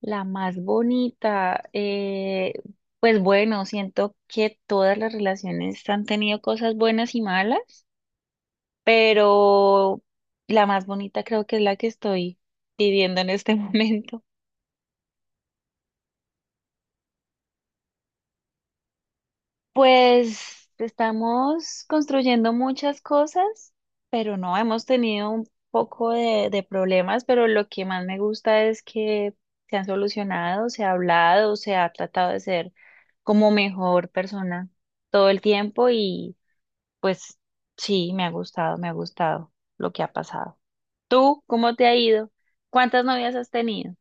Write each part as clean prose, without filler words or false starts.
La más bonita, pues bueno, siento que todas las relaciones han tenido cosas buenas y malas, pero la más bonita creo que es la que estoy viviendo en este momento. Pues estamos construyendo muchas cosas, pero no hemos tenido un poco de problemas, pero lo que más me gusta es que se han solucionado, se ha hablado, se ha tratado de ser como mejor persona todo el tiempo y pues sí, me ha gustado lo que ha pasado. ¿Tú cómo te ha ido? ¿Cuántas novias has tenido?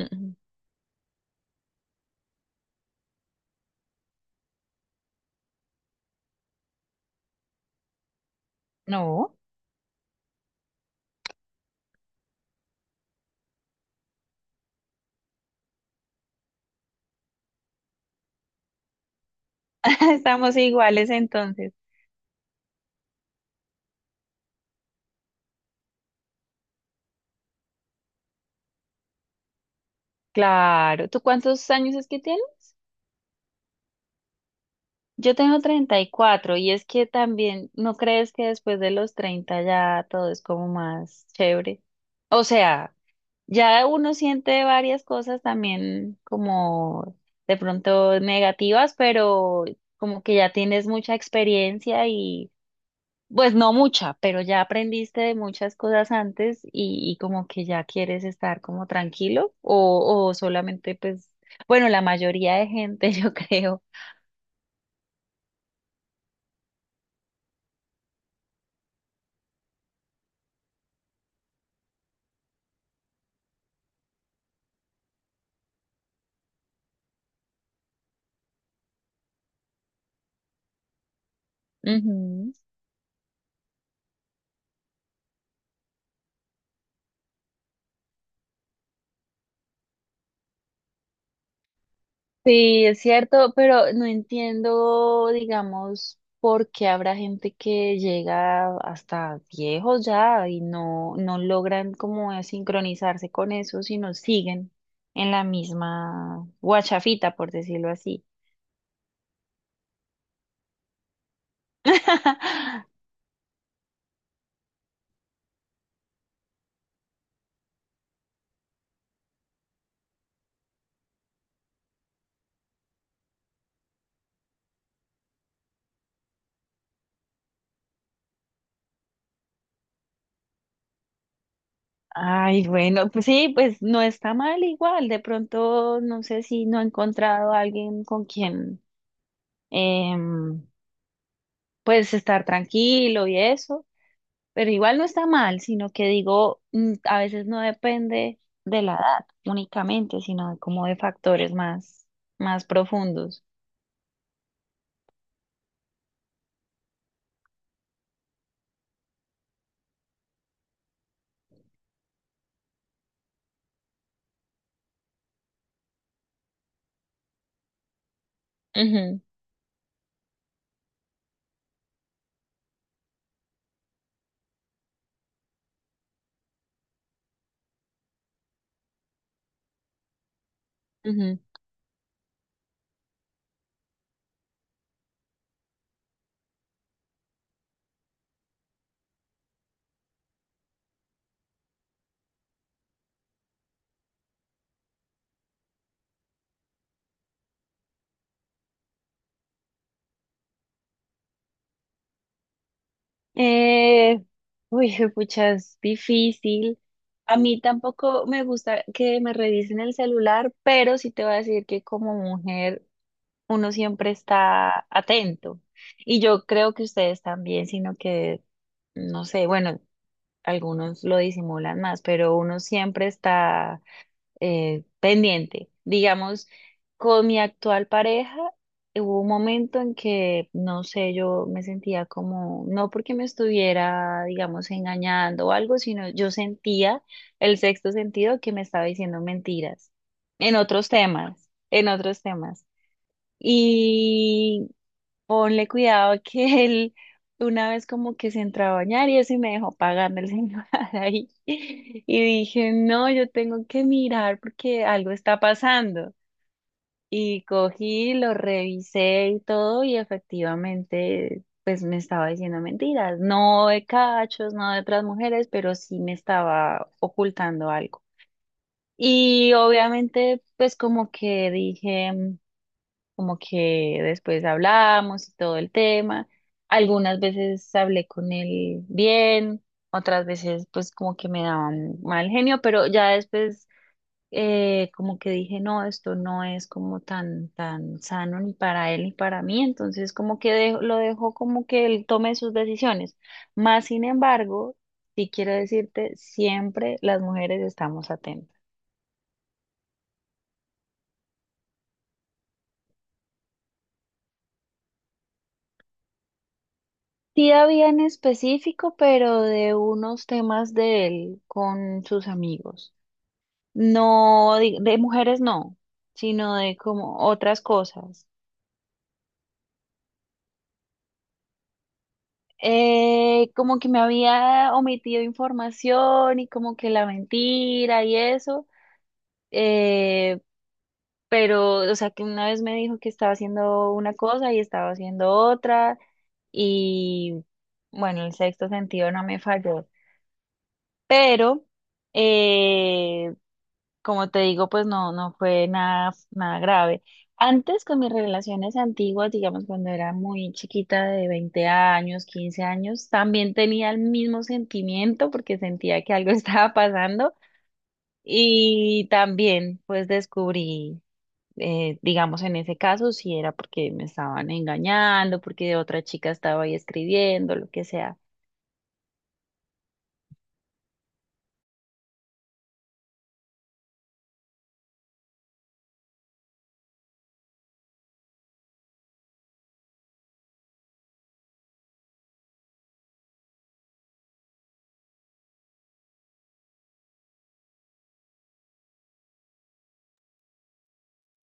Mm, no, estamos iguales entonces. Claro, ¿tú cuántos años es que tienes? Yo tengo 34 y es que también, ¿no crees que después de los 30 ya todo es como más chévere? O sea, ya uno siente varias cosas también como de pronto negativas, pero como que ya tienes mucha experiencia y pues no mucha, pero ya aprendiste de muchas cosas antes y como que ya quieres estar como tranquilo o solamente pues, bueno, la mayoría de gente yo creo. Ujú. Sí, es cierto, pero no entiendo, digamos, por qué habrá gente que llega hasta viejos ya y no, no logran como sincronizarse con eso, sino siguen en la misma guachafita, por decirlo así. Ay, bueno, pues sí, pues no está mal igual. De pronto, no sé si no he encontrado a alguien con quien, em, pues estar tranquilo y eso. Pero igual no está mal, sino que digo, mm, a veces no depende de la edad únicamente, sino de como de factores más, más profundos. Ujú, ujú. Eh, uy, pucha, es difícil. A mí tampoco me gusta que me revisen el celular, pero sí te voy a decir que como mujer uno siempre está atento. Y yo creo que ustedes también, sino que, no sé, bueno, algunos lo disimulan más, pero uno siempre está pendiente. Digamos, con mi actual pareja hubo un momento en que, no sé, yo me sentía como, no porque me estuviera, digamos, engañando o algo, sino yo sentía el sexto sentido que me estaba diciendo mentiras en otros temas, en otros temas. Y ponle cuidado que él una vez como que se entró a bañar y eso y me dejó pagando el señor ahí. Y dije, no, yo tengo que mirar porque algo está pasando. Y cogí, lo revisé y todo y efectivamente pues me estaba diciendo mentiras, no de cachos, no de otras mujeres, pero sí me estaba ocultando algo. Y obviamente pues como que dije como que después hablamos y todo el tema. Algunas veces hablé con él bien, otras veces pues como que me daban mal genio, pero ya después como que dije, no, esto no es como tan, tan sano ni para él ni para mí, entonces como que lo dejo como que él tome sus decisiones. Más sin embargo, sí quiero decirte, siempre las mujeres estamos atentas. Sí había en específico, pero de unos temas de él con sus amigos. No, de mujeres no, sino de como otras cosas. Como que me había omitido información y como que la mentira y eso. eh, pero, o sea, que una vez me dijo que estaba haciendo una cosa y estaba haciendo otra. Y bueno, el sexto sentido no me falló. Pero. Eh, Como te digo, pues no, no fue nada, nada grave. Antes con mis relaciones antiguas, digamos cuando era muy chiquita de 20 años, 15 años, también tenía el mismo sentimiento porque sentía que algo estaba pasando y también pues descubrí, digamos en ese caso, si era porque me estaban engañando, porque otra chica estaba ahí escribiendo, lo que sea.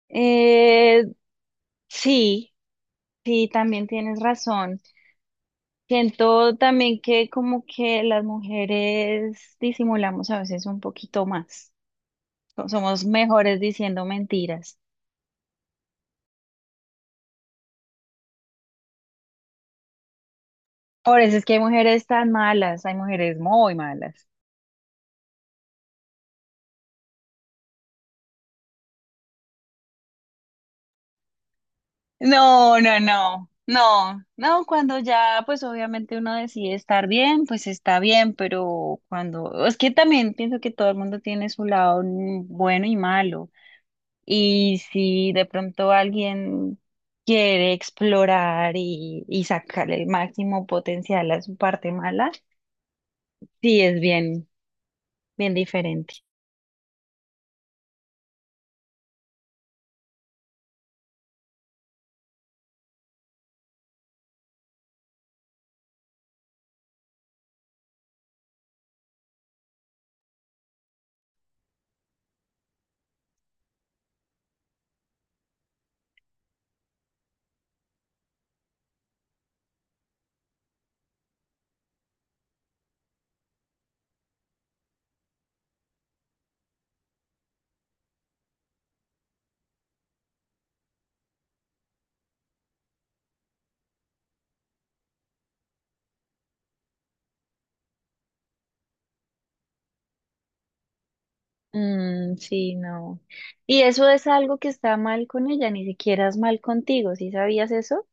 Eh, sí, sí, también tienes razón. Siento también que como que las mujeres disimulamos a veces un poquito más. Somos mejores diciendo mentiras. Por eso es que hay mujeres tan malas, hay mujeres muy malas. No, no, no, no, no, cuando ya pues obviamente uno decide estar bien, pues está bien, pero cuando, es que también pienso que todo el mundo tiene su lado bueno y malo. Y si de pronto alguien quiere explorar y sacarle el máximo potencial a su parte mala, sí es bien, bien diferente. Mm, sí, no. Y eso es algo que está mal con ella, ni siquiera es mal contigo, ¿sí sabías eso?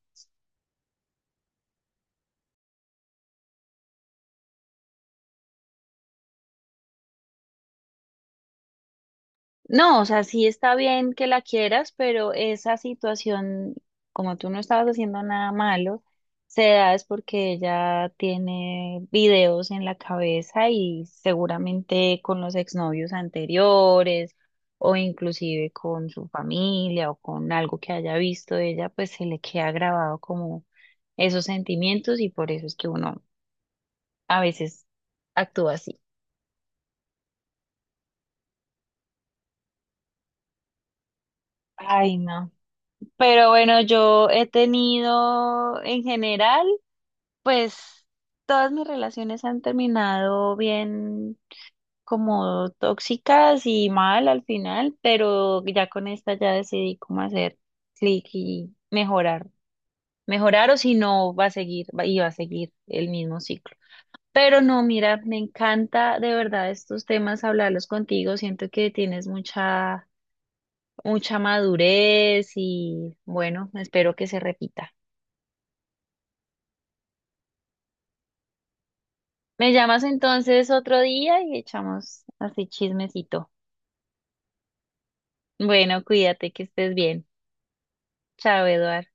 No, o sea, sí está bien que la quieras, pero esa situación, como tú no estabas haciendo nada malo, se da es porque ella tiene videos en la cabeza y seguramente con los exnovios anteriores o inclusive con su familia o con algo que haya visto de ella, pues se le queda grabado como esos sentimientos y por eso es que uno a veces actúa así. Ay, no. Pero bueno, yo he tenido en general, pues todas mis relaciones han terminado bien como tóxicas y mal al final, pero ya con esta ya decidí cómo hacer clic y mejorar. Mejorar o si no, va a seguir, y va a seguir el mismo ciclo. Pero no, mira, me encanta de verdad estos temas, hablarlos contigo. Siento que tienes mucha, mucha madurez y bueno, espero que se repita. Me llamas entonces otro día y echamos así chismecito. Bueno, cuídate, que estés bien. Chao, Eduard.